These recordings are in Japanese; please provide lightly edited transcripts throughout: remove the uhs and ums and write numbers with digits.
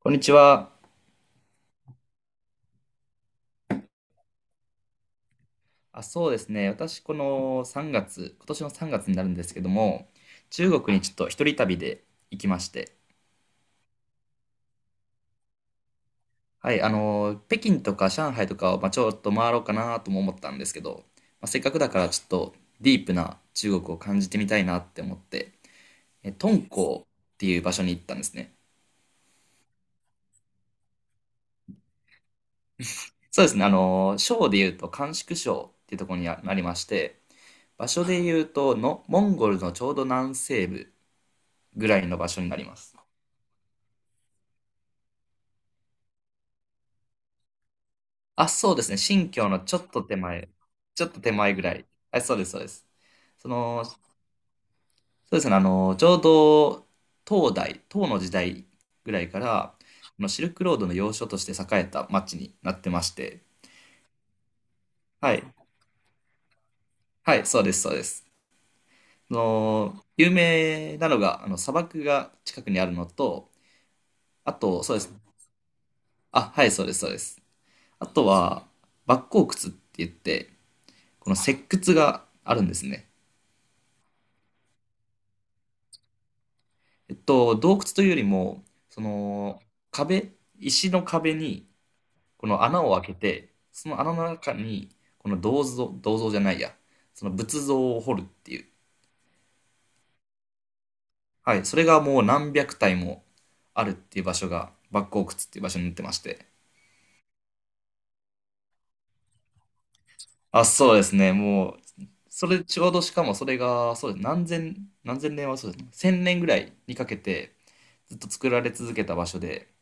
こんにちは。あ、そうですね。私、この3月、今年の3月になるんですけども、中国にちょっと一人旅で行きまして、はい、北京とか上海とかを、まあ、ちょっと回ろうかなとも思ったんですけど、まあ、せっかくだからちょっとディープな中国を感じてみたいなって思って、敦煌っていう場所に行ったんですね。そうですね。省で言うと甘粛省っていうところにあなりまして、場所で言うとの、モンゴルのちょうど南西部ぐらいの場所になります。あ、そうですね。新京のちょっと手前ぐらい。あ、そうです、そうです。そうですね。ちょうど、唐の時代ぐらいから、シルクロードの要所として栄えた町になってまして。はい。はい、そうです、そうです。有名なのが、砂漠が近くにあるのと、あと、そうです。あ、はい、そうです、そうです。あとは、莫高窟って言って、この石窟があるんですね。洞窟というよりも、その壁、石の壁にこの穴を開けて、その穴の中にこの銅像、銅像じゃないや、その仏像を掘るっていう。はい、それがもう何百体もあるっていう場所が、バック洞窟っていう場所になってまして。あ、そうですね、もう、それちょうどしかもそれが、そうです、何千年はそうですね、千年ぐらいにかけてずっと作られ続けた場所で、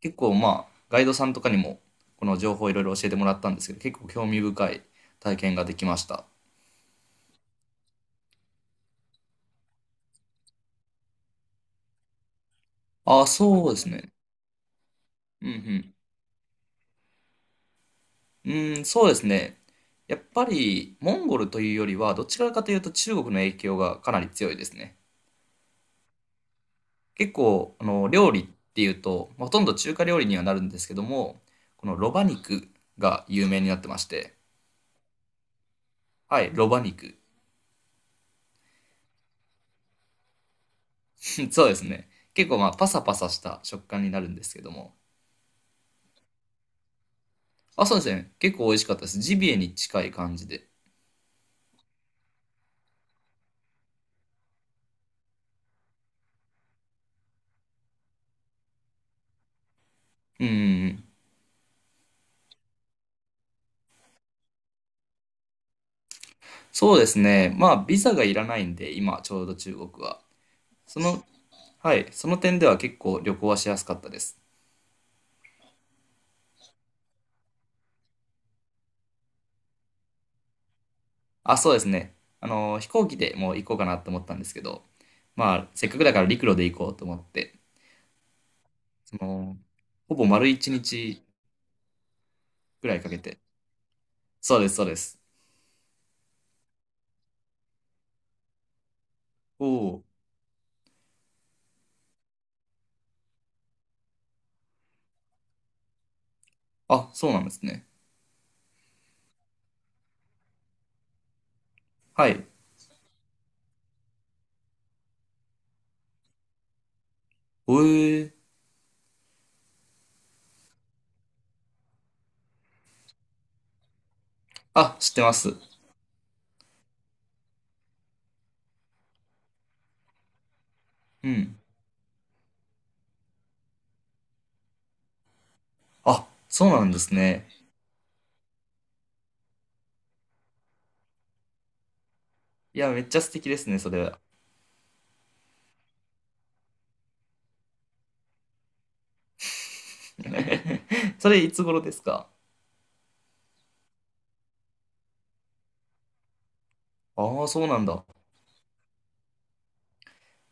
結構まあガイドさんとかにもこの情報をいろいろ教えてもらったんですけど結構興味深い体験ができました。ああ、そうですね。うんうんうん。そうですね。やっぱりモンゴルというよりはどちらかというと中国の影響がかなり強いですね。結構料理っていうとまあほとんど中華料理にはなるんですけども、このロバ肉が有名になってまして、はい、ロバ肉。 そうですね、結構まあパサパサした食感になるんですけども、あ、そうですね。結構美味しかったです。ジビエに近い感じで。うんうんうん。そうですね。まあ、ビザがいらないんで、今、ちょうど中国は。その、はい、その点では結構旅行はしやすかったです。あ、そうですね。飛行機でもう行こうかなと思ったんですけど、まあ、せっかくだから陸路で行こうと思って、その、ほぼ丸一日ぐらいかけて。そうです、そうです。おお。あ、そうなんですね。はい。おえー。あ、知ってます。うん。あ、そうなんですね。いや、めっちゃ素敵ですね、それは。それいつ頃ですか？ああ、そうなんだ。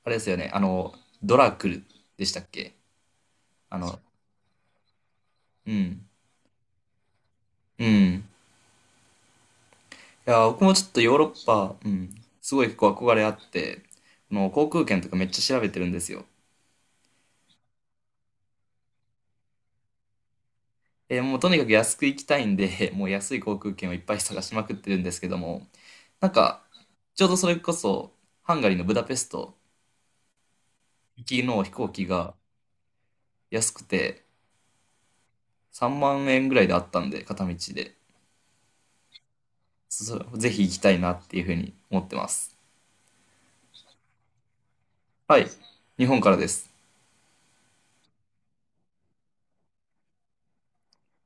あれですよね。ドラクルでしたっけ？あの、うん、うん。いや、僕もちょっとヨーロッパ、うん、すごい結構憧れあって、この航空券とかめっちゃ調べてるんですよ。もうとにかく安く行きたいんで、もう安い航空券をいっぱい探しまくってるんですけども、なんか、ちょうどそれこそ、ハンガリーのブダペスト行きの飛行機が安くて、3万円ぐらいであったんで、片道で。そうぜひ行きたいなっていうふうに思ってます。はい。日本からです。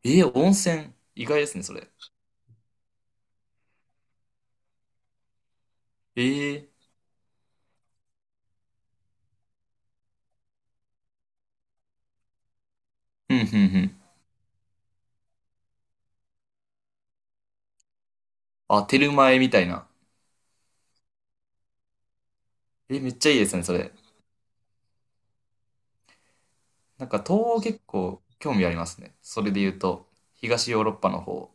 えー、温泉。意外ですね、それ。えー、うん、うん、うん。あ、テルマエみたいな。えー、めっちゃいいですね、それ。なんか、東欧結構興味ありますね。それで言うと、東ヨーロッパの方。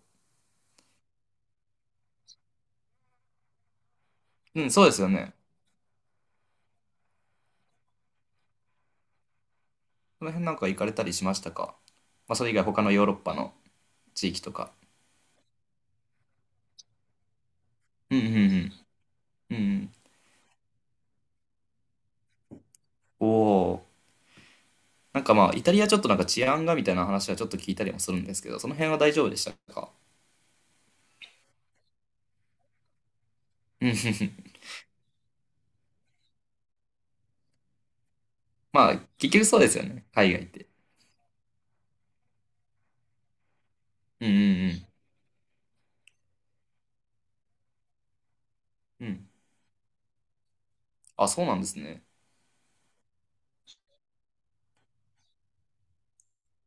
うん、そうですよね。その辺なんか行かれたりしましたか？まあ、それ以外他のヨーロッパの地域とか。うん、うん、うん。うん、うん。おお。なんかまあ、イタリアちょっとなんか治安がみたいな話はちょっと聞いたりもするんですけど、その辺は大丈夫でしたか？うん、うん、うん。まあ、結局そうですよね。海外って。うんうんうん。うん。あ、そうなんですね。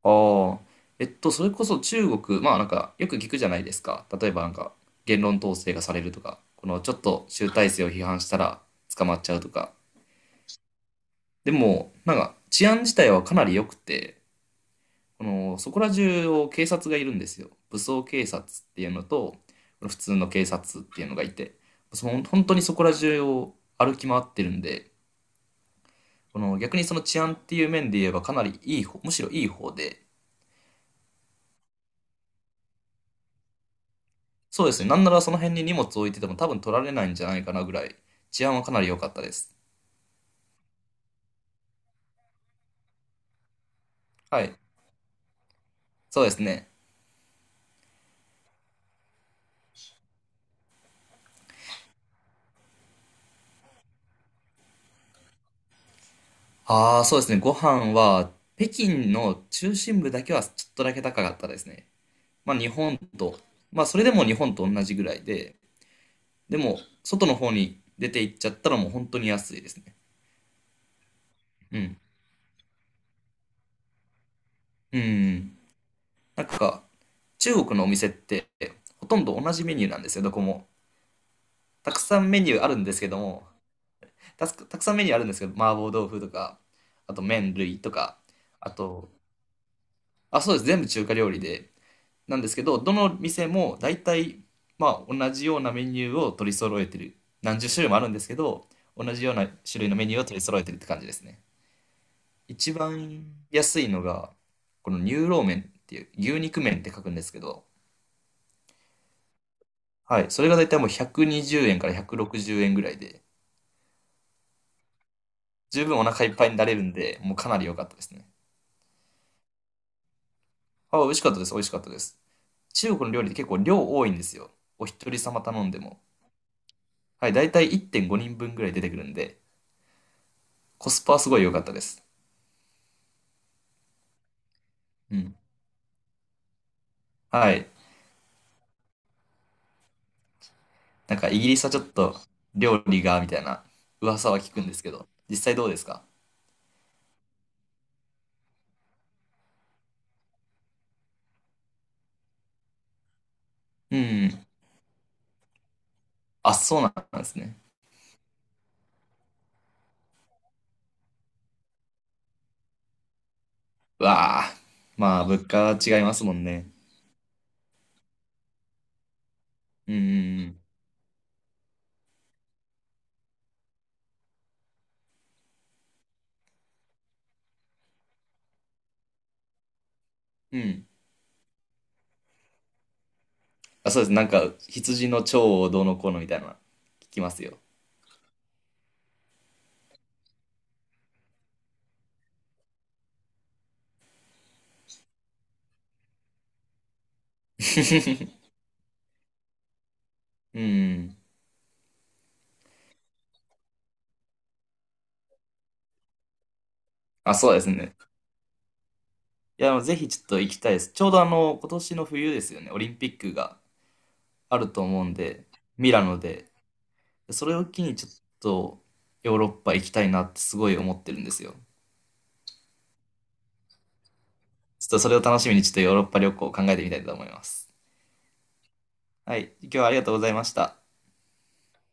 ああ。それこそ中国、まあなんか、よく聞くじゃないですか。例えばなんか、言論統制がされるとか、このちょっと集大成を批判したら捕まっちゃうとか。でも、なんか、治安自体はかなり良くて、この、そこら中を警察がいるんですよ。武装警察っていうのと、この普通の警察っていうのがいて、その本当にそこら中を歩き回ってるんで、この逆にその治安っていう面で言えばかなりいい方、むしろいい方で、そうですね、なんならその辺に荷物置いてても多分取られないんじゃないかなぐらい、治安はかなり良かったです。はい、そうですね。ああ、そうですね、ご飯は北京の中心部だけはちょっとだけ高かったですね。まあ日本と、まあそれでも日本と同じぐらいで、でも外の方に出て行っちゃったらもう本当に安いですね。うん。うん。なんか中国のお店ってほとんど同じメニューなんですよ、どこも。たくさんメニューあるんですけども、たくたくさんメニューあるんですけど、麻婆豆腐とか、あと麺類とか、あと、あ、そうです、全部中華料理で、なんですけど、どの店も大体、まあ、同じようなメニューを取り揃えてる。何十種類もあるんですけど、同じような種類のメニューを取り揃えてるって感じですね。一番安いのが、この乳老麺っていう、牛肉麺って書くんですけど、はい、それが大体もう120円から160円ぐらいで、十分お腹いっぱいになれるんで、もうかなり良かったですね。あ、美味しかったです。美味しかったです。中国の料理って結構量多いんですよ。お一人様頼んでも。はい、だいたい1.5人分ぐらい出てくるんで、コスパはすごい良かったです。うん。はい。なんかイギリスはちょっと料理が、みたいな噂は聞くんですけど、実際どうですか？うん。あ、そうなんですね。うわあ。まあ、物価は違いますもんね。うんうんうん。うん。あ、そうです。なんか、羊の腸をどうのこうのみたいな、聞きますよ。うん。あ、そうですね。いや、ぜひちょっと行きたいです。ちょうど今年の冬ですよね、オリンピックがあると思うんで、ミラノで。それを機にちょっとヨーロッパ行きたいなってすごい思ってるんですよ。ちょっとそれを楽しみにちょっとヨーロッパ旅行を考えてみたいと思います。はい、今日はありがとうございました。